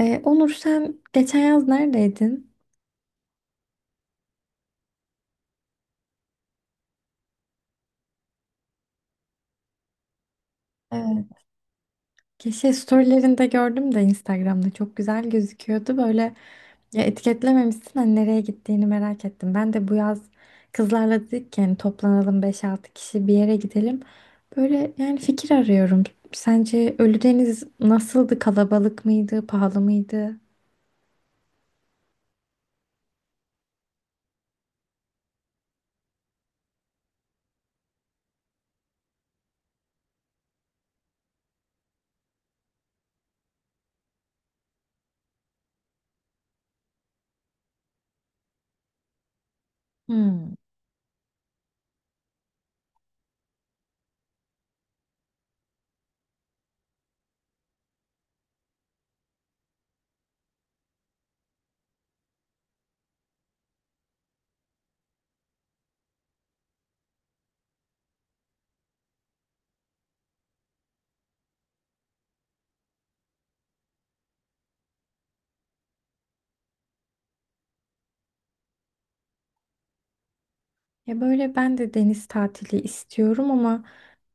Onur, sen geçen yaz neredeydin? Evet. Şey, storylerinde gördüm de, Instagram'da çok güzel gözüküyordu. Böyle, ya, etiketlememişsin, hani nereye gittiğini merak ettim. Ben de bu yaz kızlarla dedik ki, yani toplanalım, beş altı kişi bir yere gidelim. Böyle yani fikir arıyorum. Sence Ölüdeniz nasıldı? Kalabalık mıydı? Pahalı mıydı? Hmm. Ya böyle ben de deniz tatili istiyorum ama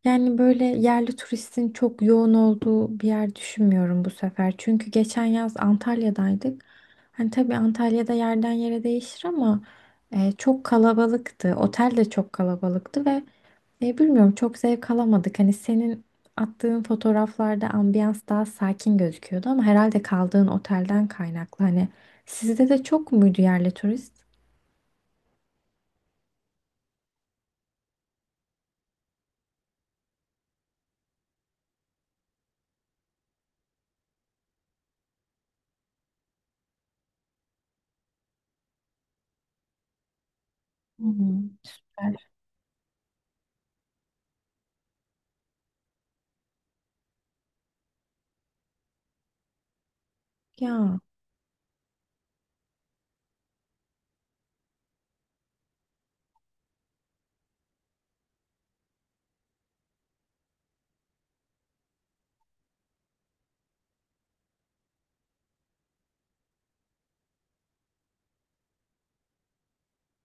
yani böyle yerli turistin çok yoğun olduğu bir yer düşünmüyorum bu sefer. Çünkü geçen yaz Antalya'daydık. Hani tabii Antalya'da yerden yere değişir ama çok kalabalıktı. Otel de çok kalabalıktı ve bilmiyorum, çok zevk alamadık. Hani senin attığın fotoğraflarda ambiyans daha sakin gözüküyordu ama herhalde kaldığın otelden kaynaklı. Hani sizde de çok muydu yerli turist? Hı hı. Süper. Ya.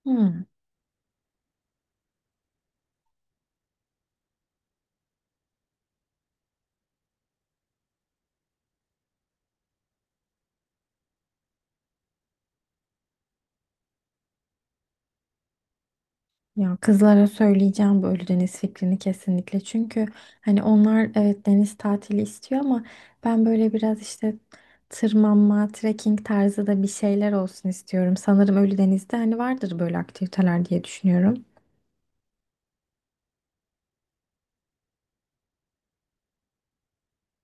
Hı. Ya kızlara söyleyeceğim böyle deniz fikrini kesinlikle. Çünkü hani onlar evet deniz tatili istiyor ama ben böyle biraz işte tırmanma, trekking tarzı da bir şeyler olsun istiyorum. Sanırım Ölüdeniz'de hani vardır böyle aktiviteler diye düşünüyorum.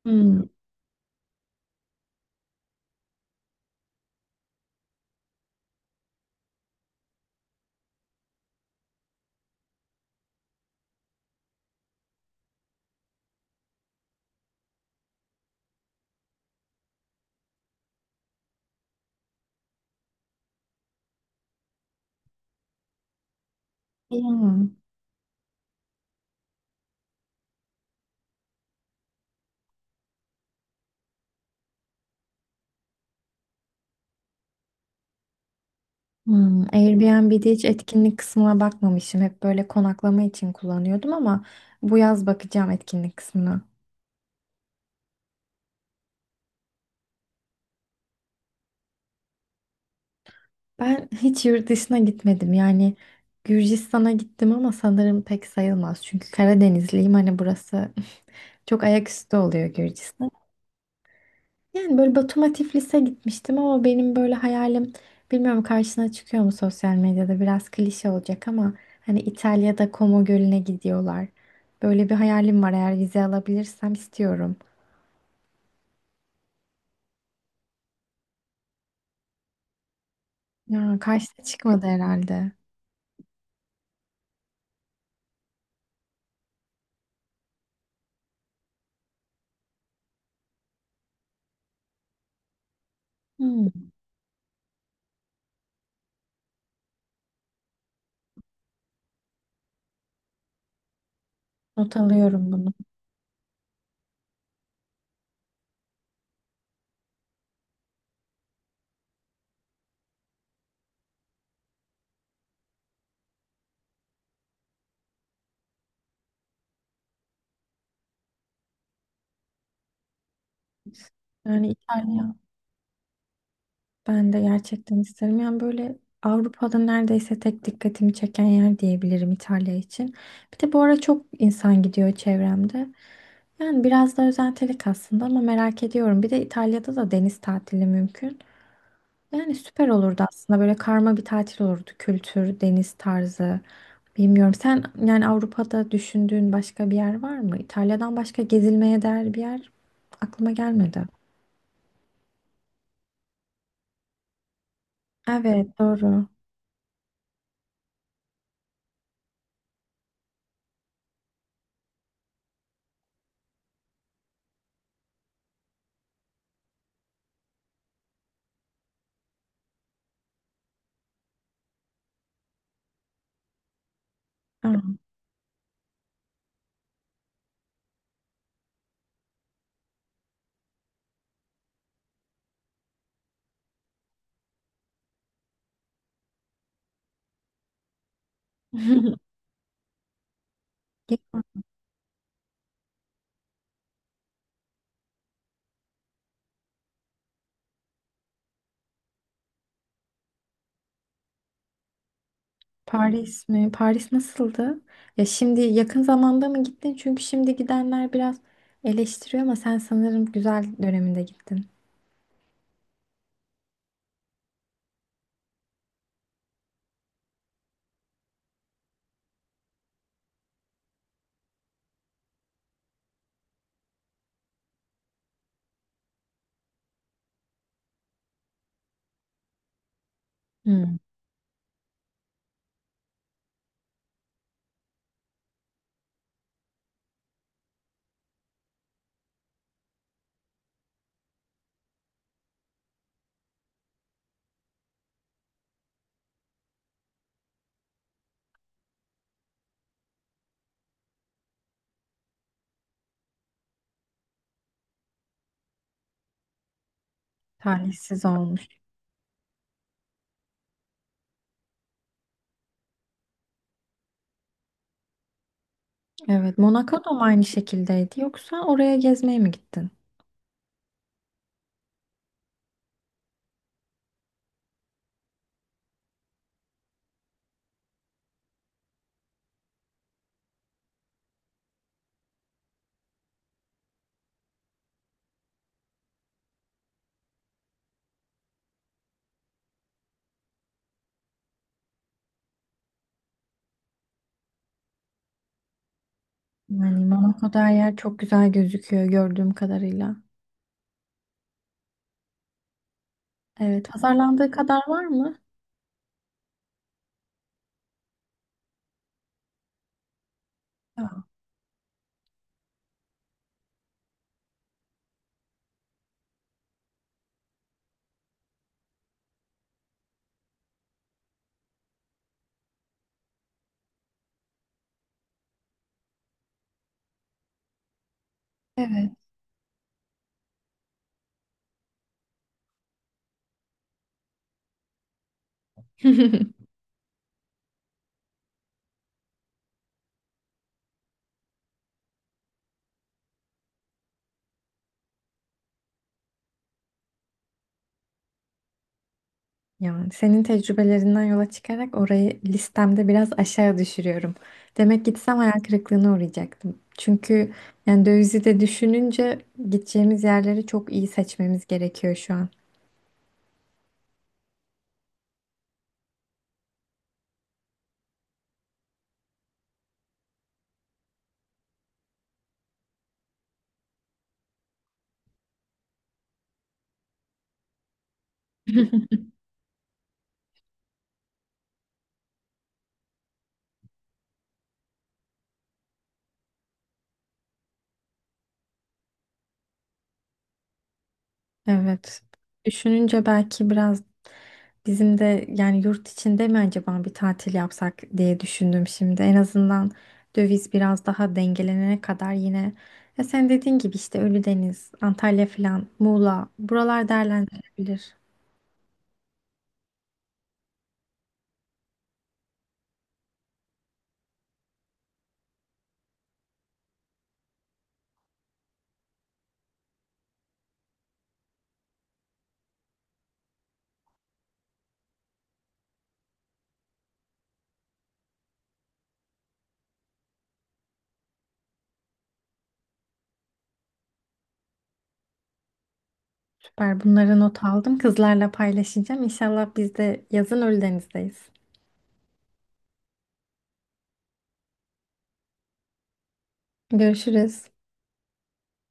Hmm. Hmm. Hmm. Airbnb'de hiç etkinlik kısmına bakmamışım. Hep böyle konaklama için kullanıyordum ama bu yaz bakacağım etkinlik kısmına. Ben hiç yurt dışına gitmedim. Yani Gürcistan'a gittim ama sanırım pek sayılmaz. Çünkü Karadenizliyim. Hani burası çok ayaküstü oluyor Gürcistan. Yani böyle Batum'a, Tiflis'e gitmiştim ama benim böyle hayalim, bilmiyorum karşına çıkıyor mu sosyal medyada, biraz klişe olacak ama hani İtalya'da Como Gölü'ne gidiyorlar. Böyle bir hayalim var, eğer vize alabilirsem istiyorum. Ya karşına çıkmadı herhalde. Hmm, not alıyorum bunu. Yani İtalya. Ben de gerçekten isterim. Yani böyle Avrupa'da neredeyse tek dikkatimi çeken yer diyebilirim İtalya için. Bir de bu ara çok insan gidiyor çevremde. Yani biraz da özentelik aslında ama merak ediyorum. Bir de İtalya'da da deniz tatili mümkün. Yani süper olurdu aslında. Böyle karma bir tatil olurdu. Kültür, deniz tarzı. Bilmiyorum. Sen yani Avrupa'da düşündüğün başka bir yer var mı? İtalya'dan başka gezilmeye değer bir yer aklıma gelmedi. Evet, doğru. Aa. Paris mi? Paris nasıldı? Ya şimdi yakın zamanda mı gittin? Çünkü şimdi gidenler biraz eleştiriyor ama sen sanırım güzel döneminde gittin. Hmm, talihsiz olmuş. Evet, Monaco da mı aynı şekildeydi yoksa oraya gezmeye mi gittin? Yani Monaco'da her yer çok güzel gözüküyor gördüğüm kadarıyla. Evet, pazarlandığı kadar var mı? Ya, evet. Yani senin tecrübelerinden yola çıkarak orayı listemde biraz aşağı düşürüyorum. Demek gitsem hayal kırıklığına uğrayacaktım. Çünkü yani dövizi de düşününce gideceğimiz yerleri çok iyi seçmemiz gerekiyor şu an. Evet. Düşününce belki biraz bizim de yani yurt içinde mi acaba bir tatil yapsak diye düşündüm şimdi. En azından döviz biraz daha dengelenene kadar yine, ya sen dediğin gibi işte Ölüdeniz, Antalya falan, Muğla, buralar değerlendirilebilir. Süper. Bunları not aldım. Kızlarla paylaşacağım. İnşallah biz de yazın Ölüdeniz'deyiz. Görüşürüz.